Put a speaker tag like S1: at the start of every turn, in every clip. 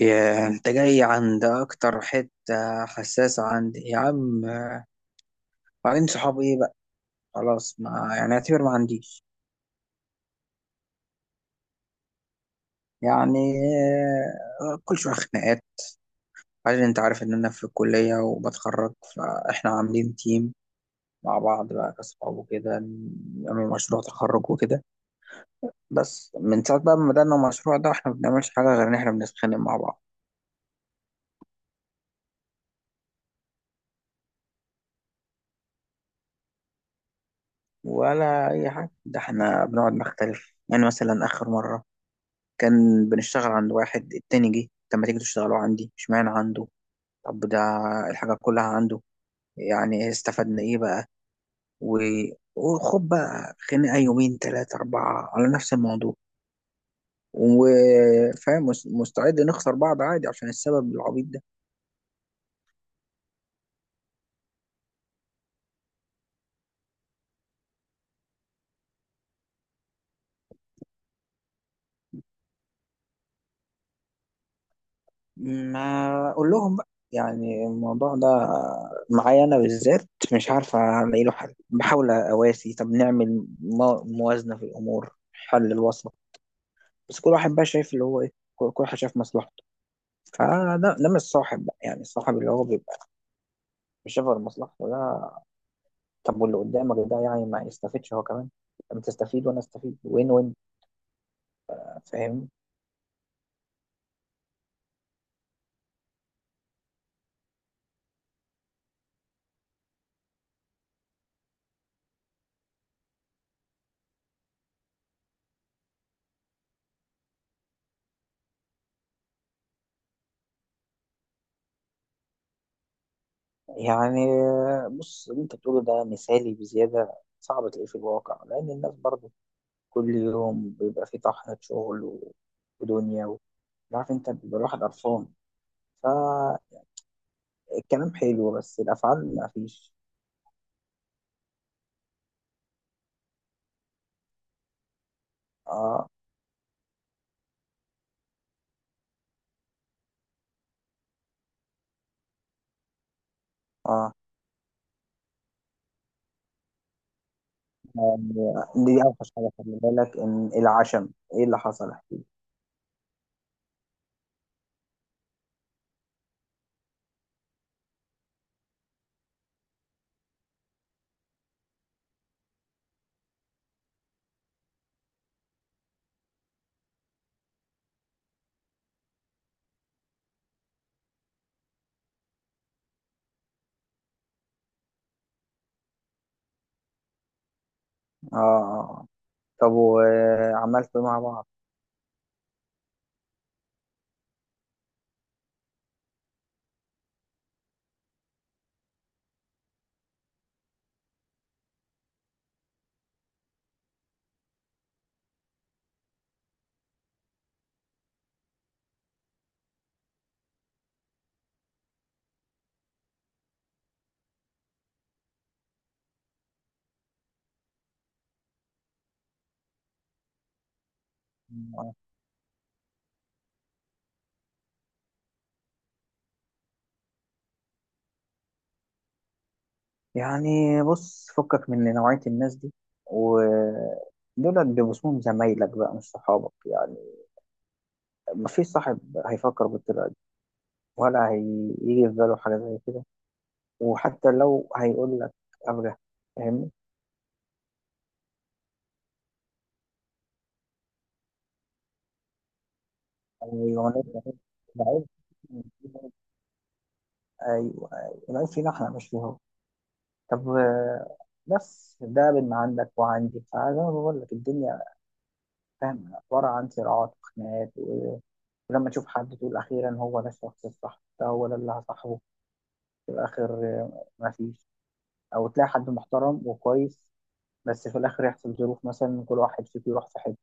S1: يا انت جاي عند اكتر حتة حساسة عندي يا عم. بعدين، صحابي ايه بقى؟ خلاص، ما يعني اعتبر ما عنديش. يعني، كل شوية خناقات. بعدين انت عارف ان انا في الكلية وبتخرج، فاحنا عاملين تيم مع بعض بقى كصحاب وكده، نعمل مشروع تخرج وكده. بس من ساعة بقى ما بدأنا المشروع ده، احنا ما بنعملش حاجة غير ان احنا بنتخانق مع بعض ولا اي حاجة. ده احنا بنقعد نختلف، يعني مثلا اخر مرة كان بنشتغل عند واحد، التاني جه، طب ما تيجي تشتغلوا عندي؟ اشمعنى عنده؟ طب ده الحاجة كلها عنده، يعني استفدنا ايه بقى؟ و... وخد بقى خناقة يومين 3 4 على نفس الموضوع. وفاهم، مستعد نخسر بعض عادي عشان السبب العبيط ده. ما أقول لهم بقى، يعني الموضوع ده معايا أنا بالذات، مش عارف ألاقي له حل، بحاول أواسي، طب نعمل موازنة في الأمور، حل الوسط. بس كل واحد بقى شايف اللي هو ايه، كل واحد شايف مصلحته. فده مش صاحب بقى، يعني الصاحب اللي هو بيبقى مش شايف غير مصلحته ده. طب واللي قدامك ده، يعني ما يستفيدش هو كمان؟ انت تستفيد وانا استفيد، وين وين. فاهم؟ يعني بص، اللي انت بتقوله ده مثالي بزياده، صعب تلاقيه في الواقع، لان الناس برضه كل يوم بيبقى في طحنه شغل ودنيا عارف انت، بيبقى الواحد قرفان. فالكلام حلو بس الافعال ما فيش. اه. اه. يعني دي اوحش حاجه، خلي بالك ان العشم. ايه اللي حصل؟ احكي لي. اه. آه. طب وعملت مع بعض؟ آه. يعني بص، فكك من نوعيه الناس دي. ودول بيبقوا اسمهم زمايلك بقى، مش صحابك يعني. مفيش صاحب هيفكر بالطريقه دي، ولا هيجي في باله حاجه زي كده. وحتى لو هيقول لك، ابجح. فاهمني؟ ايوه، أنا- ايوه، أيوة. العيب فينا احنا مش فيه هو. طب، بس ده بين ما عندك وعندي. فزي ما بقول لك، الدنيا فاهم عبارة عن صراعات وخناقات، ولما تشوف حد تقول أخيرا هو ده الشخص الصح، ده هو ده اللي هصاحبه، في الآخر مفيش. أو تلاقي حد محترم وكويس، بس في الآخر يحصل ظروف، مثلا كل واحد فيك يروح في حتة،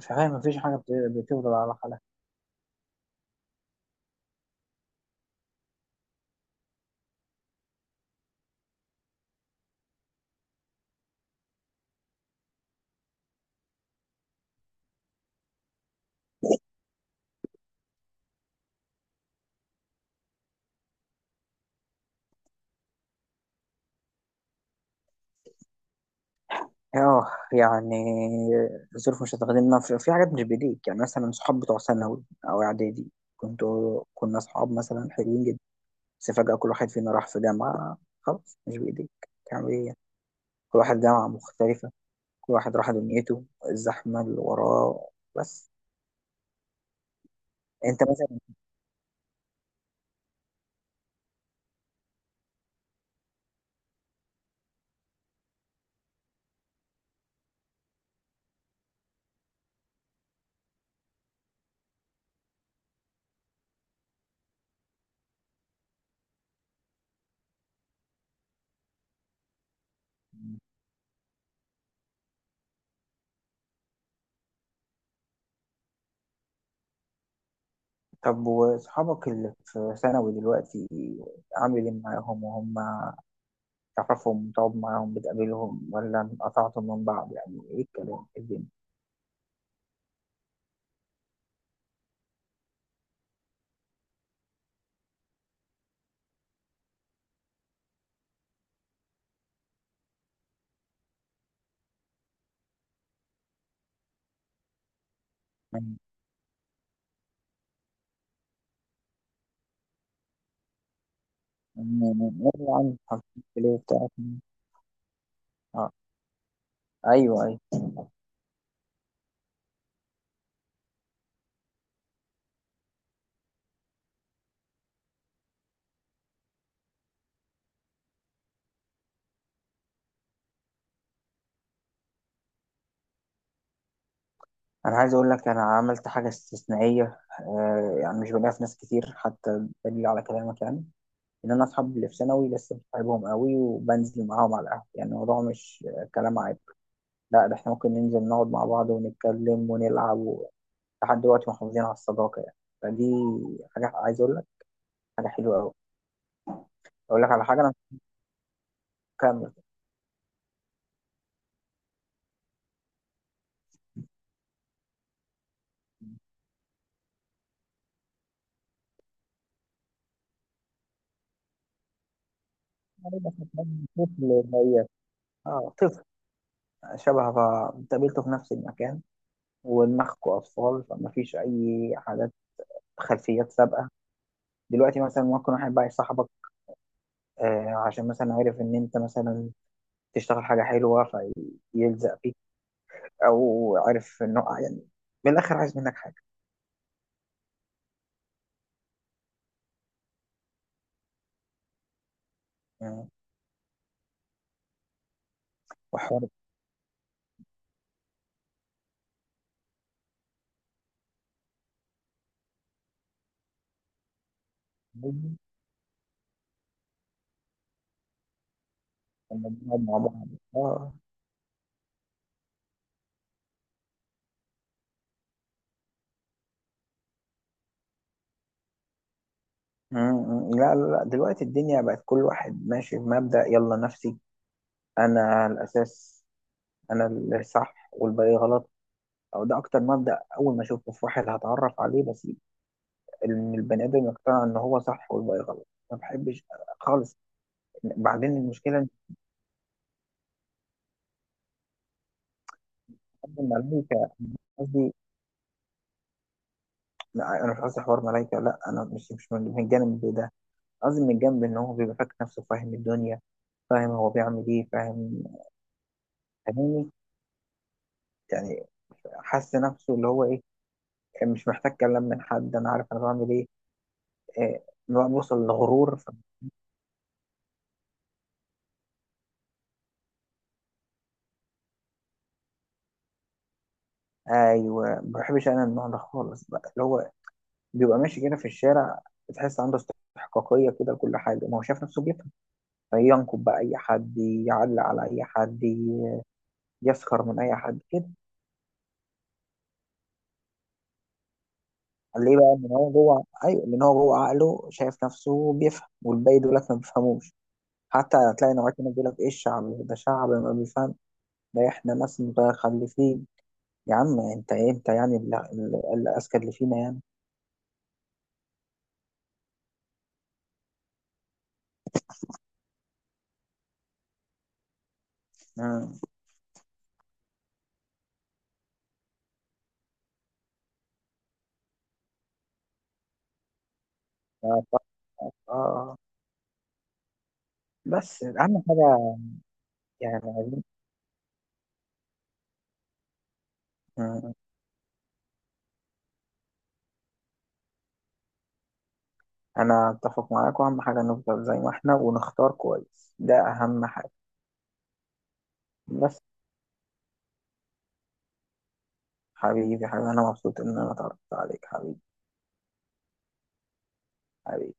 S1: فاهم؟ مفيش حاجة بتفضل على حالها. اه، يعني الظروف مش هتخدمنا في حاجات مش بإيديك، يعني مثلا صحاب بتوع ثانوي أو إعدادي، كنا أصحاب مثلا حلوين جدا، بس فجأة كل واحد فينا راح في جامعة، خلاص مش بإيديك. تعمل إيه يعني؟ كل واحد جامعة مختلفة، كل واحد راح دنيته، الزحمة اللي وراه. بس أنت مثلا، طب وأصحابك اللي في ثانوي دلوقتي، عامل إيه معاهم؟ وهم تعرفهم، تقعد معاهم، بتقابلهم، ولا انقطعتم من بعض؟ يعني إيه الكلام، إيه الدنيا؟ من- يعني عارفين الكلية بتاعتهم. آه. أيوه، أيوه. انا عايز اقول لك، انا عملت حاجه استثنائيه، يعني مش بلاقيها في ناس كتير، حتى دليل على كلامك. يعني ان انا اصحاب اللي في ثانوي لسه بحبهم قوي، وبنزل معاهم على القهوه. يعني الموضوع مش كلام عيب، لا، ده احنا ممكن ننزل نقعد مع بعض ونتكلم ونلعب لحد دلوقتي محافظين على الصداقه يعني. فدي حاجه عايز اقول لك، حاجه حلوه قوي. اقول لك على حاجه، انا مكمل. طفل زيك. اه، طفل شبه، قابلته في نفس المكان، ودماغكم اطفال، فما فيش اي حاجات خلفيات سابقه. دلوقتي مثلا ممكن واحد بقى يصاحبك، عشان مثلا عارف ان انت مثلا تشتغل حاجه حلوه فيلزق فيك، او عارف انه يعني، من الاخر، عايز منك حاجه. آه، وحوار التعليم، لما بنقعد مع بعض. اه. م- م. لا، لا، لا. دلوقتي الدنيا بقت كل واحد ماشي بمبدأ يلا نفسي، انا الاساس، انا اللي صح والباقي غلط. او ده اكتر مبدأ اول ما اشوفه في واحد هتعرف عليه، بس ان البني ادم يقتنع ان هو صح والباقي غلط، ما بحبش خالص. بعدين المشكله مش، قصدي الملايكه، قصدي لا، انا مش قصدي حوار ملايكه، لا انا مش من الجانب ده. قصدي من الجانب ان هو بيبقى فاكر نفسه فاهم الدنيا، فاهم هو بيعمل ايه، فاهم، فاهمني؟ يعني حس نفسه اللي هو ايه مش محتاج كلام من حد، انا عارف انا بعمل ايه، آه، بقى بوصل لغرور. ايوه، ما بحبش انا النوع ده خالص، بقى اللي هو بيبقى ماشي كده في الشارع، بتحس عنده استحقاقيه كده لكل حاجه، ما هو شايف نفسه بيفهم، فينكب بقى اي حد، يعلق على اي حد، يسخر من اي حد كده. ليه بقى؟ ان هو جوه، ايوه لان هو جوه عقله شايف نفسه بيفهم والباقي دول لك ما بيفهموش. حتى هتلاقي نوعية هنا بيقول لك ايه، الشعب ده شعب ما بيفهم، ده احنا ناس متخلفين. يا عم، انت ايه؟ انت يعني الاذكى اللي فينا يعني؟ آه. ف- آه. بس اهم حاجه، يعني عايزين آه. انا اتفق معاك، واهم حاجه نفضل زي ما احنا ونختار كويس، ده اهم حاجه. بس حبيبي، حبيبي، انا مبسوط ان انا اتعرفت عليك، حبيبي، حبيبي.